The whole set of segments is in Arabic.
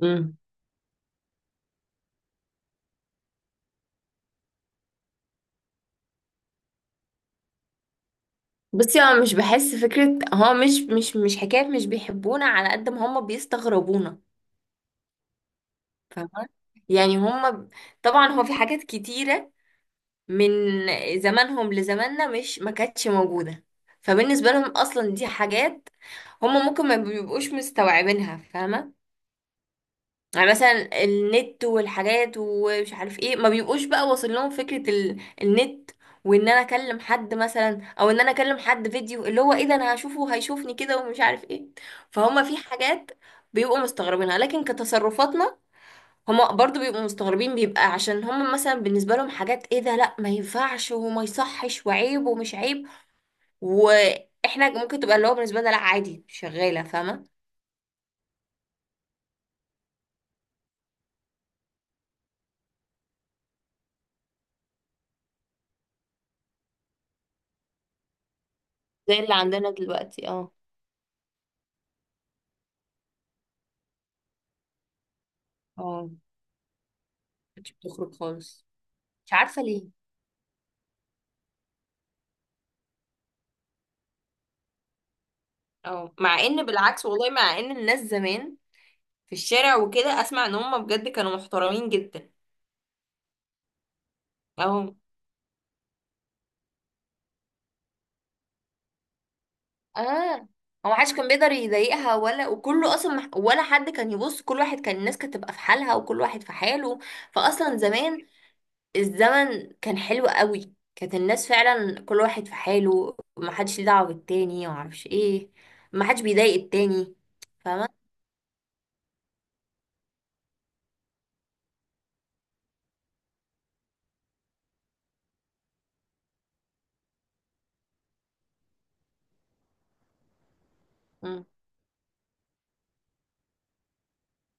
امم بصي، هو مش بحس فكرة. هو مش حكاية مش بيحبونا على قد ما هم بيستغربونا. فاهمة؟ يعني هم ب-، طبعا هو في حاجات كتيرة من زمانهم لزماننا مش ما كانتش موجودة. فبالنسبة لهم أصلا دي حاجات هم ممكن ما بيبقوش مستوعبينها، فاهمة. يعني مثلا النت والحاجات ومش عارف ايه، ما بيبقوش بقى واصل لهم فكرة ال-، النت. وان انا اكلم حد مثلا، او ان انا اكلم حد فيديو، اللي هو ايه ده، انا هشوفه هيشوفني كده ومش عارف ايه. فهم في حاجات بيبقوا مستغربينها، لكن كتصرفاتنا هم برضو بيبقوا مستغربين، بيبقى عشان هم مثلا بالنسبة لهم حاجات ايه ده، لا ما ينفعش وما يصحش وعيب ومش عيب. واحنا ممكن تبقى اللي هو بالنسبة لنا لا عادي، شغالة، فاهمة. زي اللي عندنا دلوقتي، اه. اه، مش بتخرج خالص. مش عارفة ليه. اه، مع ان بالعكس والله، مع ان الناس زمان في الشارع وكده، اسمع ان هم بجد كانوا محترمين جدا. اهو. اه، هو محدش كان بيقدر يضايقها ولا، وكله اصلا مح-، ولا حد كان يبص، كل واحد كان، الناس كانت تبقى في حالها وكل واحد في حاله. فاصلا زمان الزمن كان حلو قوي، كانت الناس فعلا كل واحد في حاله، محدش ليه دعوة بالتاني ومعرفش ايه. محدش بيضايق التاني، فاهمة.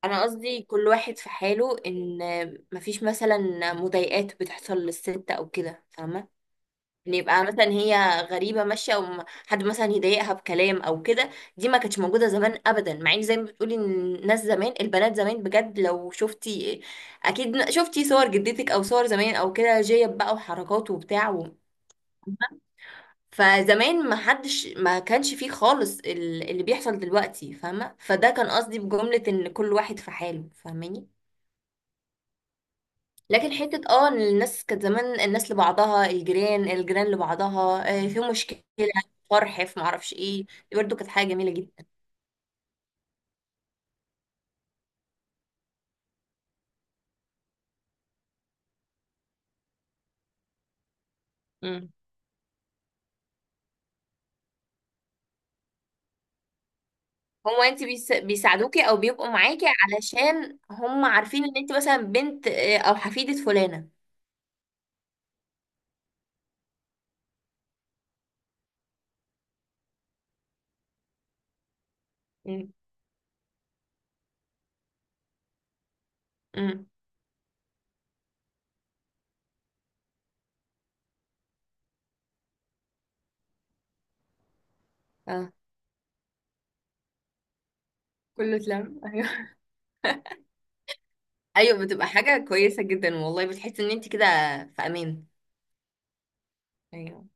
انا قصدي كل واحد في حاله، ان مفيش مثلا مضايقات بتحصل للست او كده، فاهمه. ان يبقى مثلا هي غريبه ماشيه، او م-، حد مثلا يضايقها بكلام او كده. دي ما كانتش موجوده زمان ابدا. مع ان زي ما بتقولي إن الناس زمان، البنات زمان بجد لو شفتي، اكيد شفتي صور جدتك او صور زمان او كده، جيب بقى وحركات وبتاع و...، فزمان ما حدش، ما كانش فيه خالص ال-، اللي بيحصل دلوقتي، فاهمه. فده كان قصدي بجمله ان كل واحد في حاله، فاهماني. لكن حتة اه ان الناس كانت زمان الناس لبعضها، الجيران لبعضها، في مشكلة، فرح، في معرفش ايه. دي برضه كانت حاجة جميلة جدا. مم. هما انت بيس-، بيساعدوكي او بيبقوا معاكي علشان هم عارفين ان انت مثلا بنت او حفيدة فلانة. مم. امم اه، كله اتلم ايوه. ايوه، بتبقى حاجة كويسة جدا والله، بتحسي ان انت كده في امان. ايوه.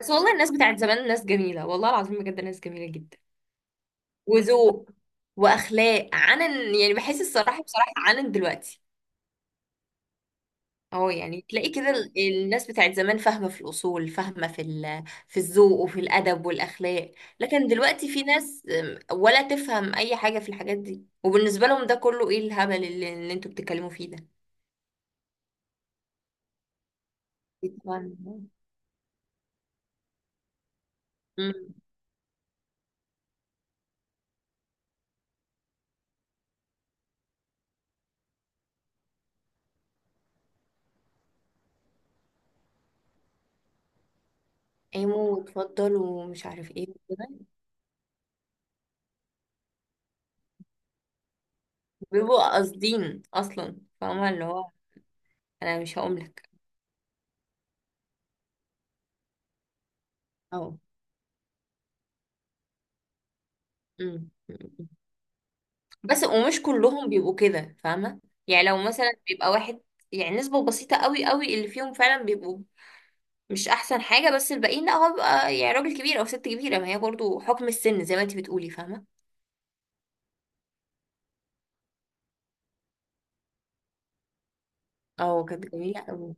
بس والله الناس بتاعت زمان ناس جميلة، والله العظيم بجد ناس جميلة جدا، وذوق واخلاق عنن، يعني بحس الصراحه، بصراحه عنن دلوقتي. اهو، يعني تلاقي كده ال-، الناس بتاعت زمان فاهمه في الاصول، فاهمه في ال-، في الذوق وفي الادب والاخلاق. لكن دلوقتي في ناس ولا تفهم اي حاجه في الحاجات دي، وبالنسبه لهم ده كله ايه الهبل اللي انتوا بتتكلموا فيه ده. طبعاً. أمم. قاموا واتفضلوا ومش عارف ايه وكده. بيبقوا قاصدين اصلا، فاهمه، اللي هو انا مش هقوم لك. اهو. أمم. بس ومش كلهم بيبقوا كده، فاهمة. يعني لو مثلا بيبقى واحد، يعني نسبة بسيطة قوي قوي اللي فيهم فعلا بيبقوا مش أحسن حاجة. بس الباقيين لا، هو بيبقى يعني راجل كبير أو ست كبيرة، ما هي برضو حكم السن زي ما انتي بتقولي، فاهمة. اه، كانت جميلة قوي.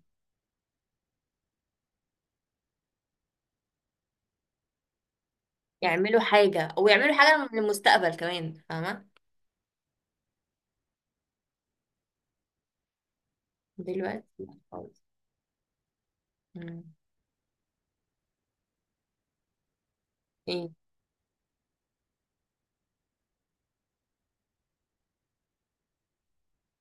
يعملوا حاجة، أو يعملوا حاجة للمستقبل كمان، فاهمة. دلوقتي لا خالص. مم. ايه.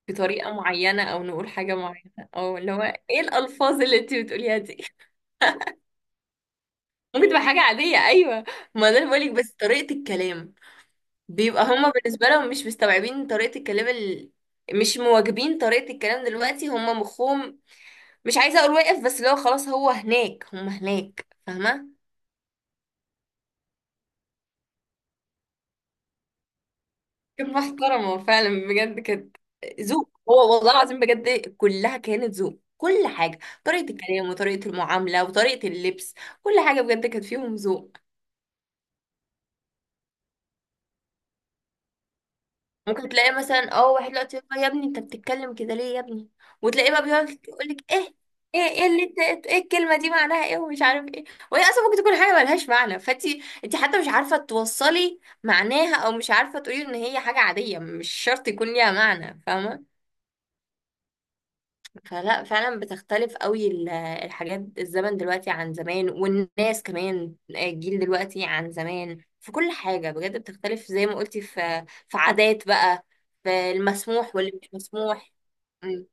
بطريقة معينة أو نقول حاجة معينة أو اللي هو، ايه الألفاظ اللي انتي بتقوليها دي ممكن تبقى حاجة عادية، أيوة. ما ده اللي بقولك، بس طريقة الكلام بيبقى هما بالنسبة لهم مش مستوعبين طريقة الكلام ال-، مش مواجبين طريقة الكلام دلوقتي. هما مخهم مش عايزة اقول واقف، بس لو خلاص هو هناك هما هناك، فاهمة. كانت محترمة فعلا بجد، كانت ذوق. هو والله العظيم بجد كلها كانت ذوق، كل حاجة، طريقة الكلام وطريقة المعاملة وطريقة اللبس، كل حاجة بجد كانت فيهم ذوق. ممكن تلاقي مثلا اه واحد دلوقتي يقول لها يا ابني، انت بتتكلم كده ليه يا ابني؟ وتلاقيه بقى بيقعد يقول لك ايه اللي انت، ايه الكلمه دي معناها ايه ومش عارف ايه. وهي اصلا ممكن تكون حاجه ملهاش معنى، فانت حتى مش عارفه توصلي معناها، او مش عارفه تقولي ان هي حاجه عاديه مش شرط يكون ليها معنى، فاهمه. فلا، فعلا بتختلف قوي ال-، الحاجات، الزمن دلوقتي عن زمان، والناس كمان الجيل دلوقتي عن زمان في كل حاجة بجد بتختلف، زي ما قلتي في عادات بقى، في المسموح واللي مش مسموح. أمم.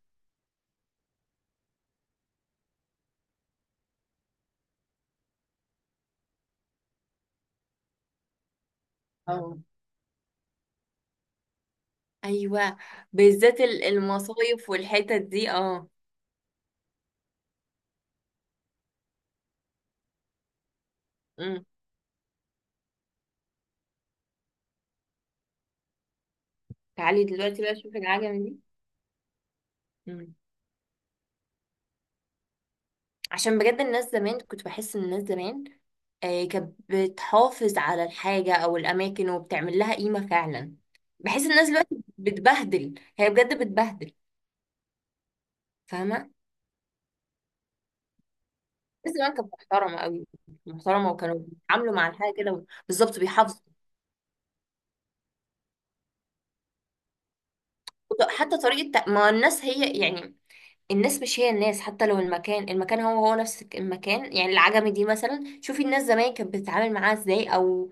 اه. ايوه، بالذات ال-، المصايف والحتت دي، اه. أمم. تعالي دلوقتي بقى شوفي العجمة دي. مم. عشان بجد الناس زمان، كنت بحس ان الناس زمان كانت بتحافظ على الحاجة او الاماكن وبتعمل لها قيمة فعلا. بحس الناس دلوقتي بتبهدل، هي بجد بتبهدل، فاهمة. الناس زمان كانت محترمة قوي. محترمة وكانوا بيتعاملوا مع الحاجة كده بالظبط، بيحافظوا. وط-، حتى طريقة تق-، ما الناس هي يعني الناس مش هي الناس، حتى لو المكان، المكان هو هو نفس المكان. يعني العجمي دي مثلا، شوفي الناس زمان كانت بتتعامل معاها ازاي او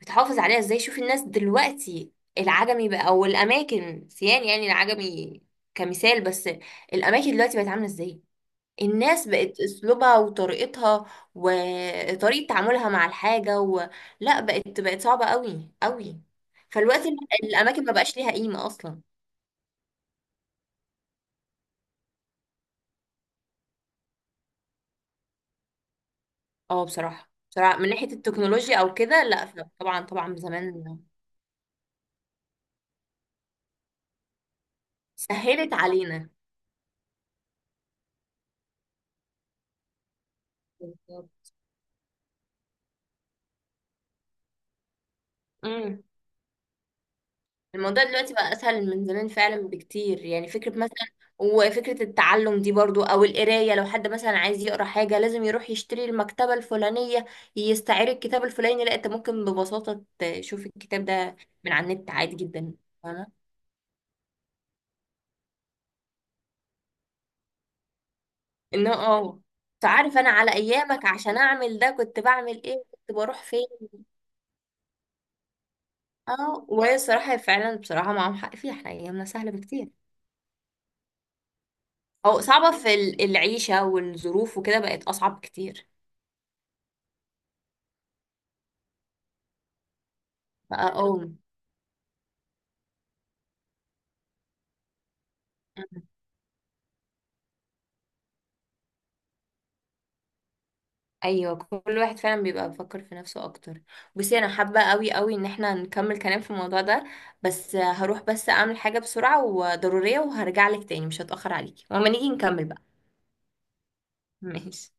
بتحافظ عليها ازاي، شوف الناس دلوقتي. العجمي بقى او الاماكن سيان، يعني العجمي كمثال بس. الاماكن دلوقتي بقت عامله ازاي، الناس بقت اسلوبها وطريقتها وطريقه تعاملها مع الحاجه و...، لا بقت، بقت صعبه قوي قوي. فالوقت ال-، الاماكن ما بقاش ليها قيمه اصلا. اه بصراحه، بصراحه من ناحيه التكنولوجيا او كده، لا طبعا طبعا زمان، سهلت علينا. بالظبط. مم. الموضوع دلوقتي بقى اسهل من زمان فعلا بكتير، يعني فكرة مثلا، وفكرة التعلم دي برضو او القراية، لو حد مثلا عايز يقرا حاجة لازم يروح يشتري المكتبة الفلانية، يستعير الكتاب الفلاني، لا انت ممكن ببساطة تشوف الكتاب ده من على النت عادي جدا، فاهمة. انه اه، فعارف انا على ايامك عشان اعمل ده كنت بعمل ايه، كنت بروح فين. اه، وهي الصراحة فعلا، بصراحة معاهم حق فيها، احنا ايامنا سهلة بكتير. او صعبة في ال-، العيشة والظروف وكده بقت اصعب كتير. بقى اه. ايوه، كل واحد فعلا بيبقى بيفكر في نفسه اكتر. بصي انا حابه قوي قوي ان احنا نكمل كلام في الموضوع ده، بس هروح بس اعمل حاجه بسرعه وضروريه وهرجع لك تاني، مش هتاخر عليكي، ولما نيجي نكمل بقى. ماشي.